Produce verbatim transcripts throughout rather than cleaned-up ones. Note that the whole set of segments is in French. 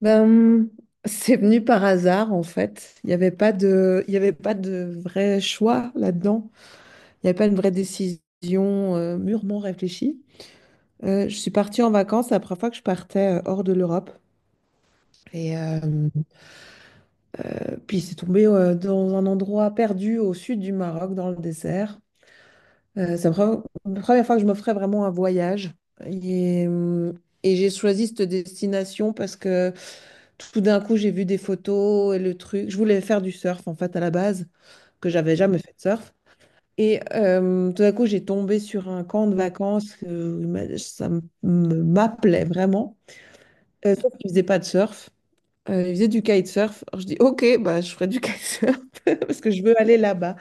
Ben, c'est venu par hasard en fait. Il n'y avait pas de, il y avait pas de vrai choix là-dedans. Il n'y avait pas une vraie décision euh, mûrement réfléchie. Euh, je suis partie en vacances la première fois que je partais euh, hors de l'Europe. Et euh, puis c'est tombé euh, dans un endroit perdu au sud du Maroc, dans le désert. Euh, c'est la pre- la première fois que je me ferais vraiment un voyage. Et, euh, et j'ai choisi cette destination parce que tout d'un coup, j'ai vu des photos et le truc. Je voulais faire du surf, en fait, à la base, que j'avais jamais fait de surf. Et euh, tout d'un coup, j'ai tombé sur un camp de vacances. euh, mais ça m- me- m'appelait vraiment. Euh, sauf qu'ils ne faisaient pas de surf. Euh, ils faisaient du kitesurf. Alors, je dis, OK, bah, je ferai du kitesurf parce que je veux aller là-bas.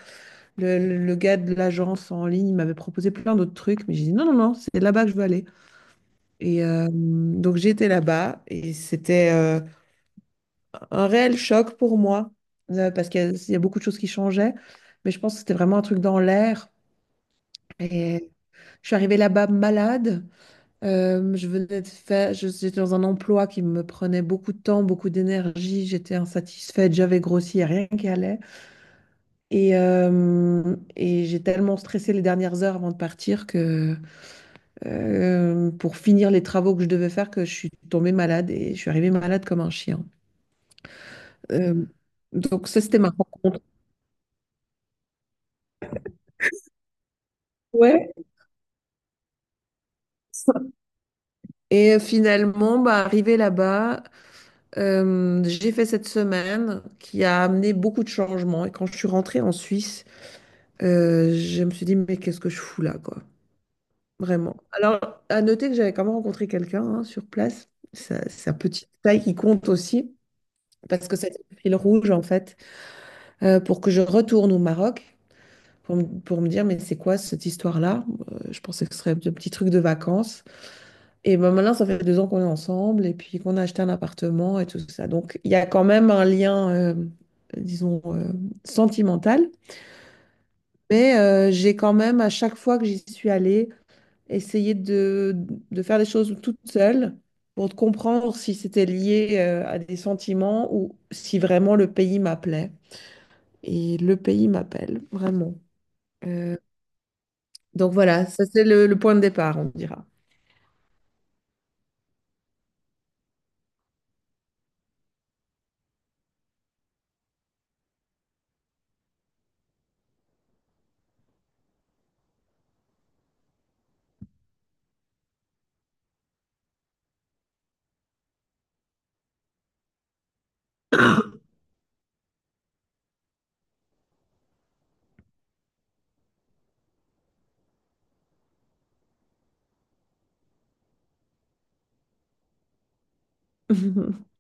Le, le- le gars de l'agence en ligne il m'avait proposé plein d'autres trucs, mais j'ai dit non, non, non, c'est là-bas que je veux aller. Et euh, donc j'étais là-bas et c'était euh, un réel choc pour moi euh, parce qu'il y, a il y a beaucoup de choses qui changeaient, mais je pense que c'était vraiment un truc dans l'air. Et je suis arrivée là-bas malade. Euh, je venais de faire, je- j'étais dans un emploi qui me prenait beaucoup de temps, beaucoup d'énergie. J'étais insatisfaite, j'avais grossi, il y a rien qui allait. Et, euh, et j'ai tellement stressé les dernières heures avant de partir que euh, pour finir les travaux que je devais faire que je suis tombée malade et je suis arrivée malade comme un chien. Euh, donc ça, c'était ma rencontre. Ouais. Et finalement, bah, arrivée là-bas, euh, j'ai fait cette semaine qui a amené beaucoup de changements. Et quand je suis rentrée en Suisse, euh, je me suis dit, mais qu'est-ce que je fous là, quoi? Vraiment. Alors, à noter que j'avais quand même rencontré quelqu'un hein, sur place. Ça- C'est un petit détail qui compte aussi, parce que c'était le fil rouge, en fait, euh, pour que je retourne au Maroc. Pour, m- pour me dire, mais c'est quoi cette histoire-là? Euh, je pensais que ce serait un petit truc de vacances. Et ben maintenant, ça fait deux ans qu'on est ensemble et puis qu'on a acheté un appartement et tout ça. Donc, il y a quand même un lien, euh, disons, euh, sentimental. Mais euh, j'ai quand même, à chaque fois que j'y suis allée, essayé de, de faire des choses toute seule pour comprendre si c'était lié euh, à des sentiments ou si vraiment le pays m'appelait. Et le pays m'appelle, vraiment. Euh, Donc voilà, ça c'est le, le point de départ, on dira.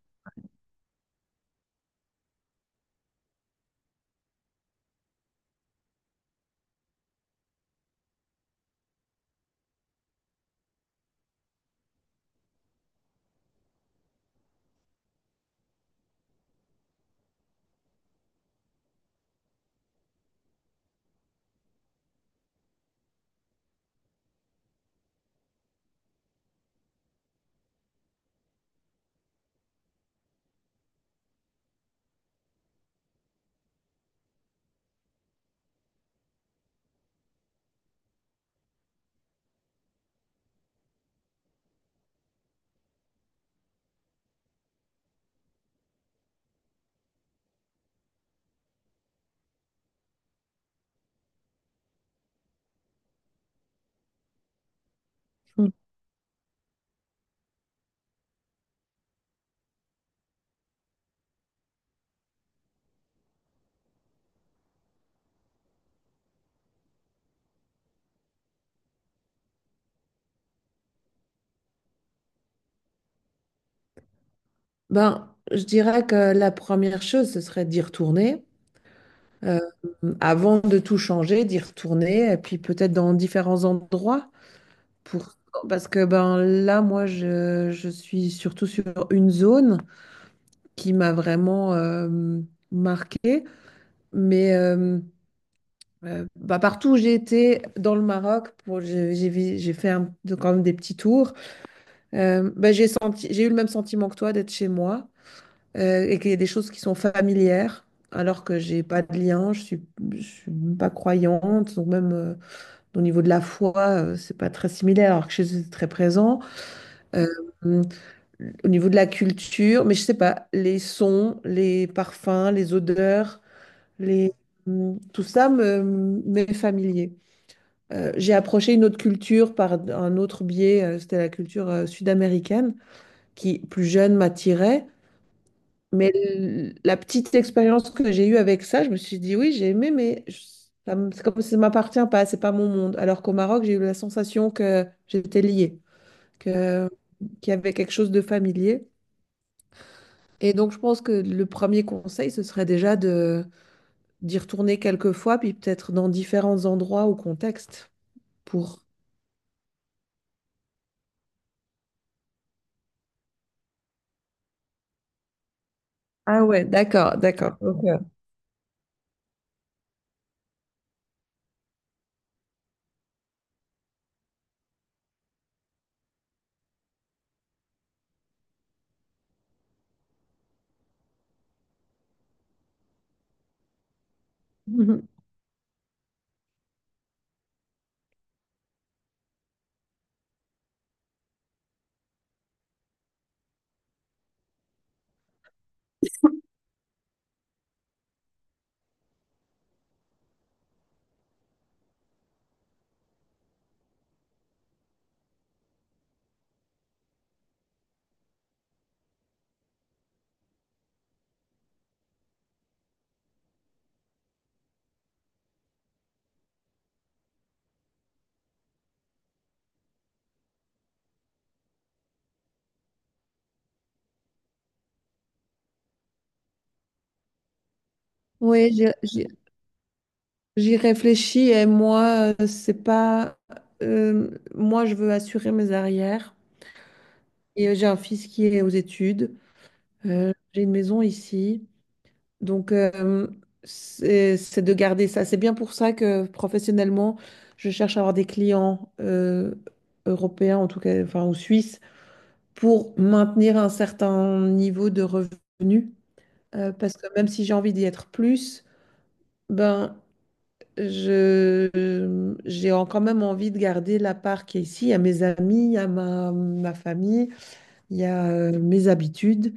Ben, je dirais que la première chose, ce serait d'y retourner. Euh, avant de tout changer, d'y retourner, et puis peut-être dans différents endroits. Pour... Parce que ben, là, moi, je, je suis surtout sur une zone qui m'a vraiment euh, marquée. Mais euh, euh, bah, partout où j'ai été dans le Maroc, pour- j'ai j'ai vi- j'ai fait un- quand même des petits tours. Euh, bah, j'ai senti, j'ai eu le même sentiment que toi d'être chez moi euh, et qu'il y a des choses qui sont familières alors que j'ai pas de lien, je suis, je suis pas croyante, donc même euh, au niveau de la foi, euh, c'est pas très similaire alors que chez eux c'est très présent. Euh, au niveau de la culture, mais je sais pas, les sons, les parfums, les odeurs, les, hum, tout ça me m'est familier. Euh, j'ai approché une autre culture par un autre biais, euh, c'était la culture euh, sud-américaine qui, plus jeune, m'attirait. Mais l- la petite expérience que j'ai eue avec ça, je me suis dit, oui, j'ai aimé, mais je- ça me- c'est comme ça ne m'appartient pas, c'est pas mon monde. Alors qu'au Maroc, j'ai eu la sensation que j'étais liée, que, qu'il y avait quelque chose de familier. Et donc, je pense que le premier conseil, ce serait déjà de d'y retourner quelques fois, puis peut-être dans différents endroits ou contextes pour... Ah ouais, d'accord, d'accord. Ok. Oui, j'ai j'ai- j'y réfléchis et moi, euh, c'est pas. euh, moi, je veux assurer mes arrières. Et euh, j'ai un fils qui est aux études. Euh, j'ai une maison ici. Donc, euh, c'est c'est de garder ça. C'est bien pour ça que professionnellement, je cherche à avoir des clients euh, européens, en tout cas, enfin, ou suisses, pour maintenir un certain niveau de revenus. Euh, parce que même si j'ai envie d'y être plus, ben. Je, j'ai en- quand même envie de garder la part qui est ici. Il y a mes amis, il y a ma, ma famille, il y a euh, mes habitudes.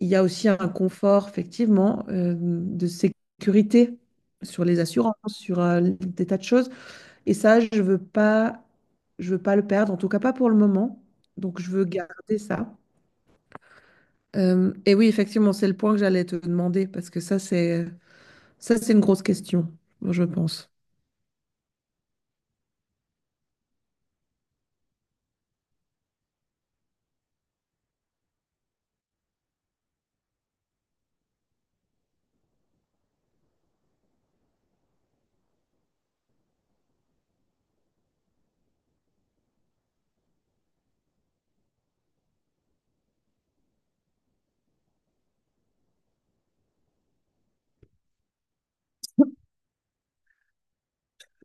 Il y a aussi un confort, effectivement, euh, de sécurité sur les assurances, sur euh, des tas de choses. Et ça, je veux pas, je veux pas le perdre, en tout cas pas pour le moment. Donc, je veux garder ça. Euh, et oui, effectivement, c'est le point que j'allais te demander parce que ça, c'est, ça, c'est une grosse question, je pense.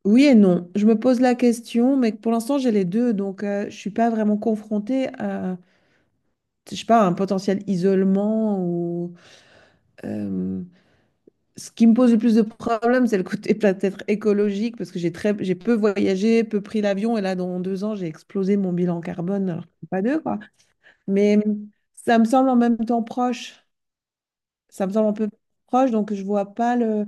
Oui et non. Je me pose la question, mais pour l'instant, j'ai les deux, donc euh, je suis pas vraiment confrontée à, je sais pas, un potentiel isolement ou euh, ce qui me pose le plus de problèmes, c'est le côté peut-être écologique parce que j'ai très, j'ai peu voyagé, peu pris l'avion et là, dans deux ans, j'ai explosé mon bilan carbone, alors que c'est pas deux quoi. Mais ça me semble en même temps proche. Ça me semble un peu proche, donc je vois pas le.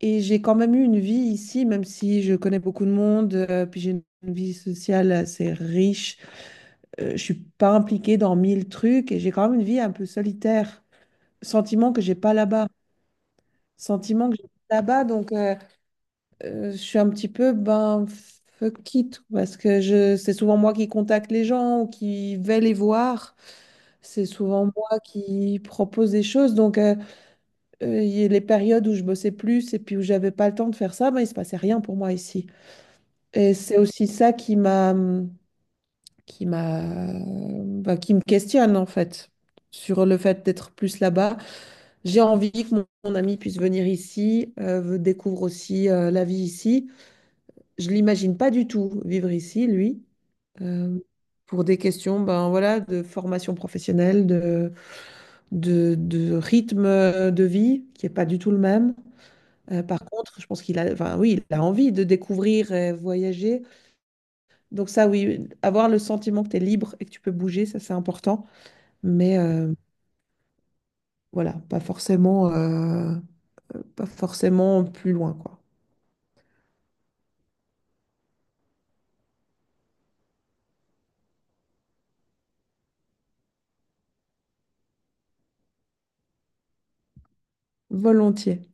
Et j'ai quand même eu une vie ici, même si je connais beaucoup de monde, euh, puis j'ai une vie sociale assez riche. Euh, je suis pas impliquée dans mille trucs et j'ai quand même une vie un peu solitaire. Sentiment que j'ai pas là-bas. Sentiment que j'ai pas là-bas, donc euh, euh, je suis un petit peu ben fuck it parce que je c'est souvent moi qui contacte les gens ou qui vais les voir. C'est souvent moi qui propose des choses, donc euh, euh, il y- a les périodes où je bossais plus et puis où j'avais pas le temps de faire ça, ben il se passait rien pour moi ici. Et c'est aussi ça qui m'a, qui m'a, bah, qui me questionne en fait sur le fait d'être plus là-bas. J'ai envie que mon, mon ami puisse venir ici, euh, découvre aussi euh, la vie ici. Je l'imagine pas du tout vivre ici, lui, euh, pour des questions, ben voilà, de formation professionnelle, de, de, de rythme de vie qui est pas du tout le même. Euh, par contre, je pense qu'il a, enfin oui, il a envie de découvrir et voyager. Donc ça, oui, avoir le sentiment que tu es libre et que tu peux bouger, ça c'est important. Mais euh, voilà, pas forcément, euh, pas forcément plus loin, quoi. Volontiers.